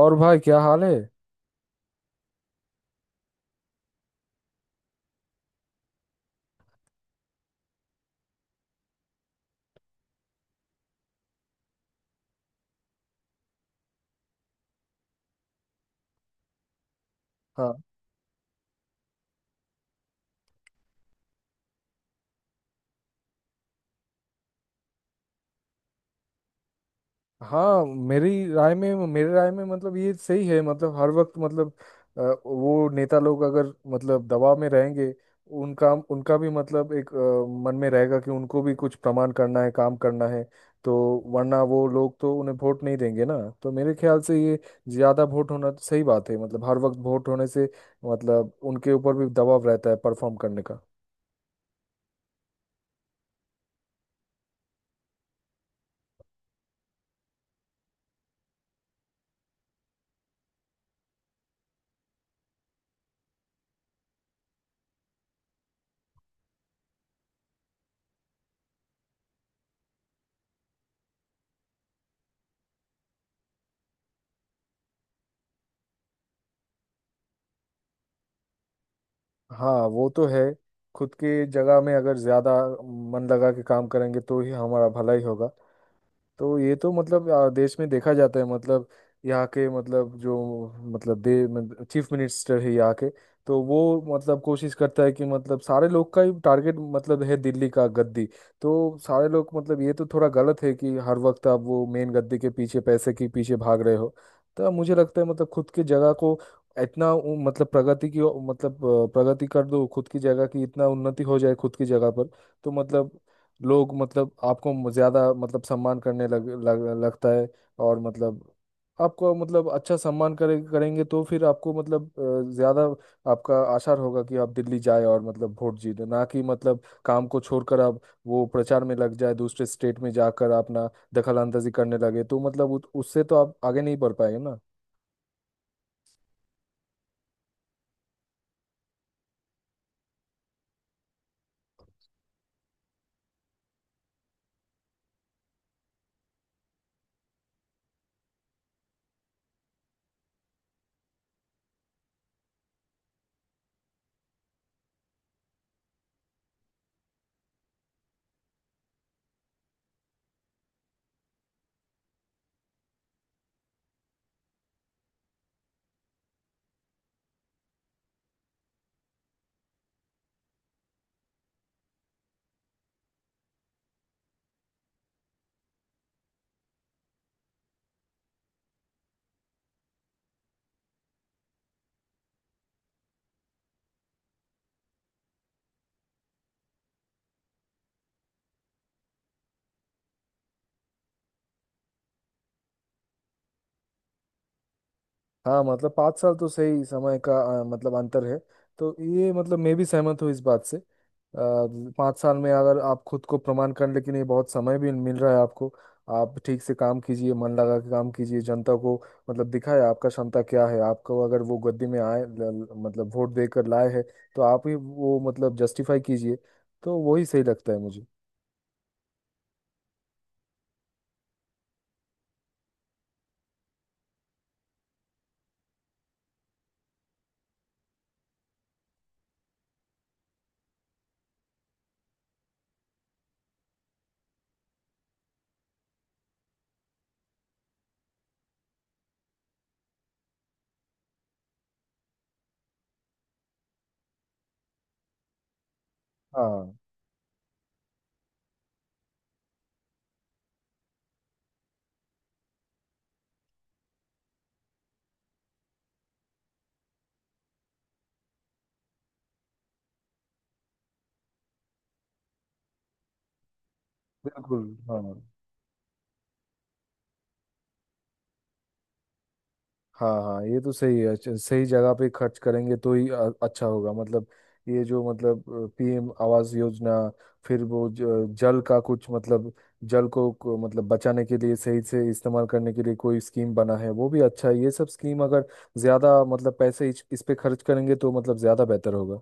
और भाई क्या हाल है। हाँ। हाँ, मेरी राय में मेरे राय में मतलब ये सही है। मतलब हर वक्त मतलब अ, वो नेता लोग अगर मतलब दबाव में रहेंगे, उनका उनका भी मतलब एक मन में रहेगा कि उनको भी कुछ प्रमाण करना है, काम करना है, तो वरना वो लोग तो उन्हें वोट नहीं देंगे ना। तो मेरे ख्याल से ये ज़्यादा वोट होना तो सही बात है। मतलब हर वक्त वोट होने से मतलब उनके ऊपर भी दबाव रहता है परफॉर्म करने का। हाँ वो तो है। खुद के जगह में अगर ज्यादा मन लगा के काम करेंगे तो ही हमारा भला ही होगा। तो ये तो मतलब देश में देखा जाता है। मतलब यहाँ के मतलब जो मतलब दे मतलब चीफ मिनिस्टर है यहाँ के, तो वो मतलब कोशिश करता है कि मतलब सारे लोग का ही टारगेट मतलब है दिल्ली का गद्दी। तो सारे लोग मतलब ये तो थोड़ा गलत है कि हर वक्त आप वो मेन गद्दी के पीछे, पैसे के पीछे भाग रहे हो। तो मुझे लगता है मतलब खुद की जगह को इतना मतलब प्रगति की मतलब प्रगति कर दो, खुद की जगह की इतना उन्नति हो जाए खुद की जगह पर, तो मतलब लोग मतलब आपको ज़्यादा मतलब सम्मान करने लग, लग लगता है। और मतलब आपको मतलब अच्छा सम्मान करेंगे तो फिर आपको मतलब ज़्यादा आपका आसार होगा कि आप दिल्ली जाए और मतलब वोट जीते, ना कि मतलब काम को छोड़कर आप वो प्रचार में लग जाए, दूसरे स्टेट में जाकर अपना दखल अंदाजी करने लगे, तो मतलब उससे तो आप आगे नहीं बढ़ पाएंगे ना। हाँ मतलब 5 साल तो सही समय का मतलब अंतर है। तो ये मतलब मैं भी सहमत हूँ इस बात से। 5 साल में अगर आप खुद को प्रमाण करने के लिए बहुत समय भी मिल रहा है आपको। आप ठीक से काम कीजिए, मन लगा के काम कीजिए, जनता को मतलब दिखाए आपका क्षमता क्या है। आपको अगर वो गद्दी में आए, मतलब वोट देकर लाए हैं, तो आप ही वो मतलब जस्टिफाई कीजिए। तो वही सही लगता है मुझे। हाँ। बिल्कुल। हाँ। हाँ हाँ ये तो सही है। अच्छा, सही जगह पे खर्च करेंगे तो ही अच्छा होगा। मतलब ये जो मतलब पीएम आवास योजना, फिर वो जल का कुछ मतलब जल को मतलब बचाने के लिए, सही से इस्तेमाल करने के लिए कोई स्कीम बना है वो भी अच्छा है। ये सब स्कीम अगर ज्यादा मतलब पैसे इस पे खर्च करेंगे तो मतलब ज्यादा बेहतर होगा।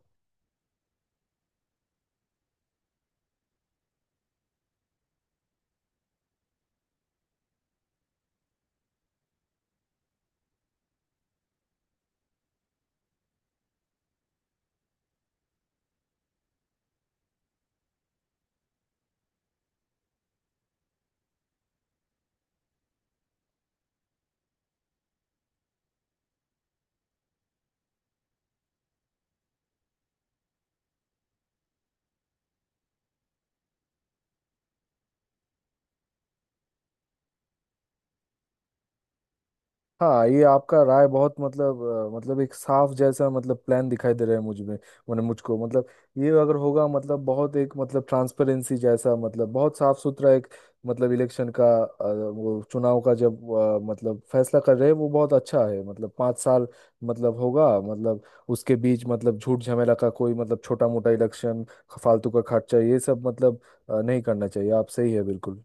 हाँ, ये आपका राय बहुत मतलब मतलब एक साफ जैसा मतलब प्लान दिखाई दे रहा है मुझ में। मैंने मुझको मतलब ये अगर होगा मतलब बहुत एक मतलब ट्रांसपेरेंसी जैसा मतलब बहुत साफ सुथरा एक मतलब इलेक्शन का वो चुनाव का जब मतलब फैसला कर रहे हैं वो बहुत अच्छा है। मतलब पाँच साल मतलब होगा मतलब उसके बीच मतलब झूठ झमेला का कोई मतलब छोटा मोटा इलेक्शन, फालतू का खर्चा, ये सब मतलब नहीं करना चाहिए। आप सही है बिल्कुल।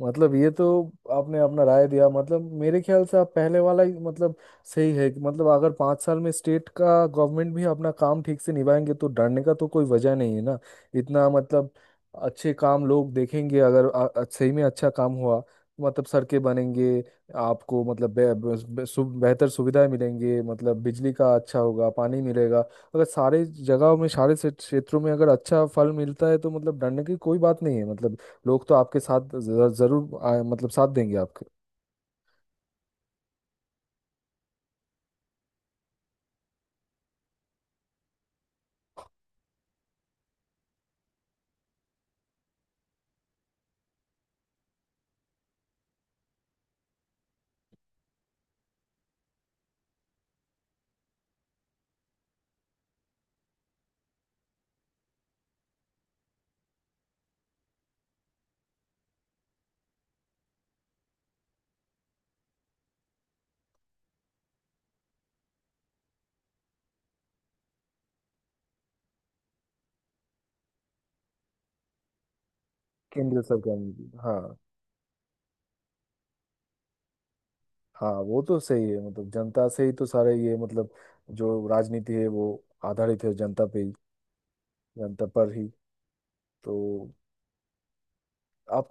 मतलब ये तो आपने अपना राय दिया। मतलब मेरे ख्याल से आप पहले वाला ही मतलब सही है कि मतलब अगर 5 साल में स्टेट का गवर्नमेंट भी अपना काम ठीक से निभाएंगे तो डरने का तो कोई वजह नहीं है ना। इतना मतलब अच्छे काम लोग देखेंगे अगर सही में अच्छा काम हुआ, मतलब सड़कें बनेंगे, आपको मतलब बे, बे, बे, सु, बेहतर सुविधाएं मिलेंगे, मतलब बिजली का अच्छा होगा, पानी मिलेगा। अगर सारे जगहों में, सारे क्षेत्रों में अगर अच्छा फल मिलता है तो मतलब डरने की कोई बात नहीं है। मतलब लोग तो आपके साथ जरूर मतलब साथ देंगे आपके। केंद्र सरकार में भी। हाँ। हाँ वो तो सही है। मतलब जनता से ही तो सारे ये मतलब जो राजनीति है वो आधारित है जनता पे ही, जनता पर ही तो। आप।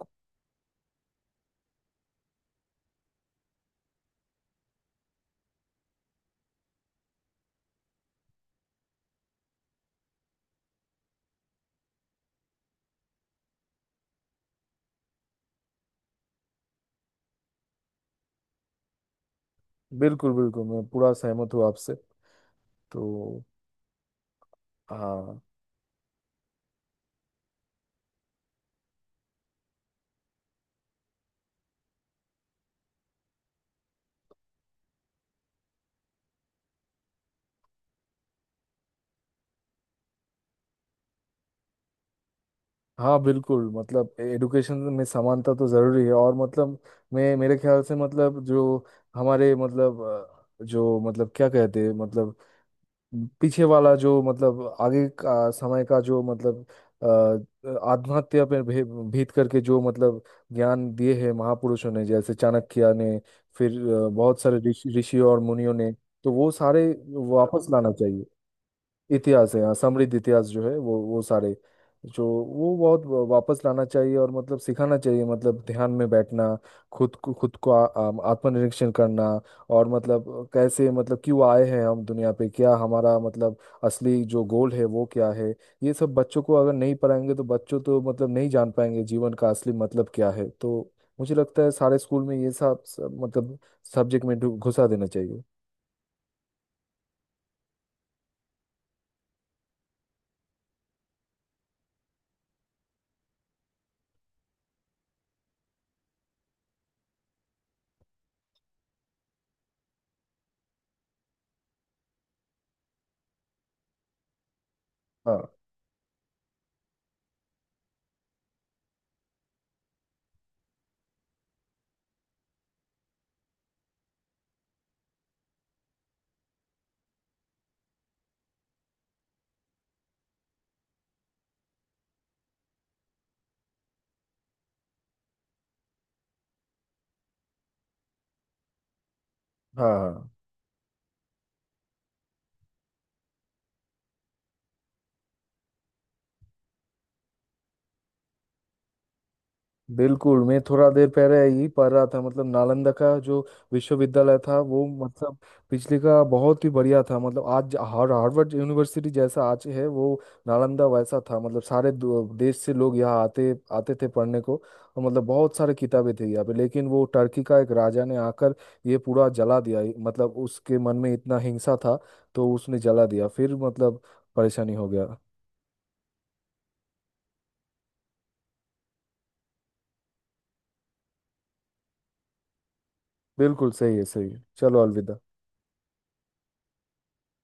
बिल्कुल बिल्कुल, मैं पूरा सहमत हूँ आपसे। तो। हाँ। हाँ बिल्कुल, मतलब एडुकेशन में समानता तो जरूरी है। और मतलब मैं मेरे ख्याल से मतलब जो हमारे मतलब जो मतलब क्या कहते हैं मतलब पीछे वाला जो मतलब आगे का समय का जो मतलब अ, आत्महत्या पर भे- भीत करके जो मतलब ज्ञान दिए हैं महापुरुषों ने, जैसे चाणक्य ने, फिर बहुत सारे ऋषियों और मुनियों ने। तो वो सारे वापस लाना चाहिए। इतिहास है, हाँ, समृद्ध इतिहास जो है, वो सारे जो वो बहुत वापस लाना चाहिए और मतलब सिखाना चाहिए। मतलब ध्यान में बैठना, खुद को आत्मनिरीक्षण करना। और मतलब कैसे मतलब क्यों आए हैं हम दुनिया पे, क्या हमारा मतलब असली जो गोल है वो क्या है। ये सब बच्चों को अगर नहीं पढ़ाएंगे तो बच्चों तो मतलब नहीं जान पाएंगे जीवन का असली मतलब क्या है। तो मुझे लगता है सारे स्कूल में ये सब सब मतलब सब्जेक्ट में घुसा देना चाहिए। हाँ। हाँ। हाँ बिल्कुल, मैं थोड़ा देर पहले यही पढ़ रहा था। मतलब नालंदा का जो विश्वविद्यालय था वो मतलब पिछले का बहुत ही बढ़िया था। मतलब आज हार्वर्ड यूनिवर्सिटी जैसा आज है, वो नालंदा वैसा था। मतलब सारे देश से लोग यहाँ आते आते थे पढ़ने को। और मतलब बहुत सारे किताबें थे यहाँ पे, लेकिन वो टर्की का एक राजा ने आकर ये पूरा जला दिया। मतलब उसके मन में इतना हिंसा था, तो उसने जला दिया, फिर मतलब परेशानी हो गया। बिल्कुल सही है, सही है, चलो अलविदा।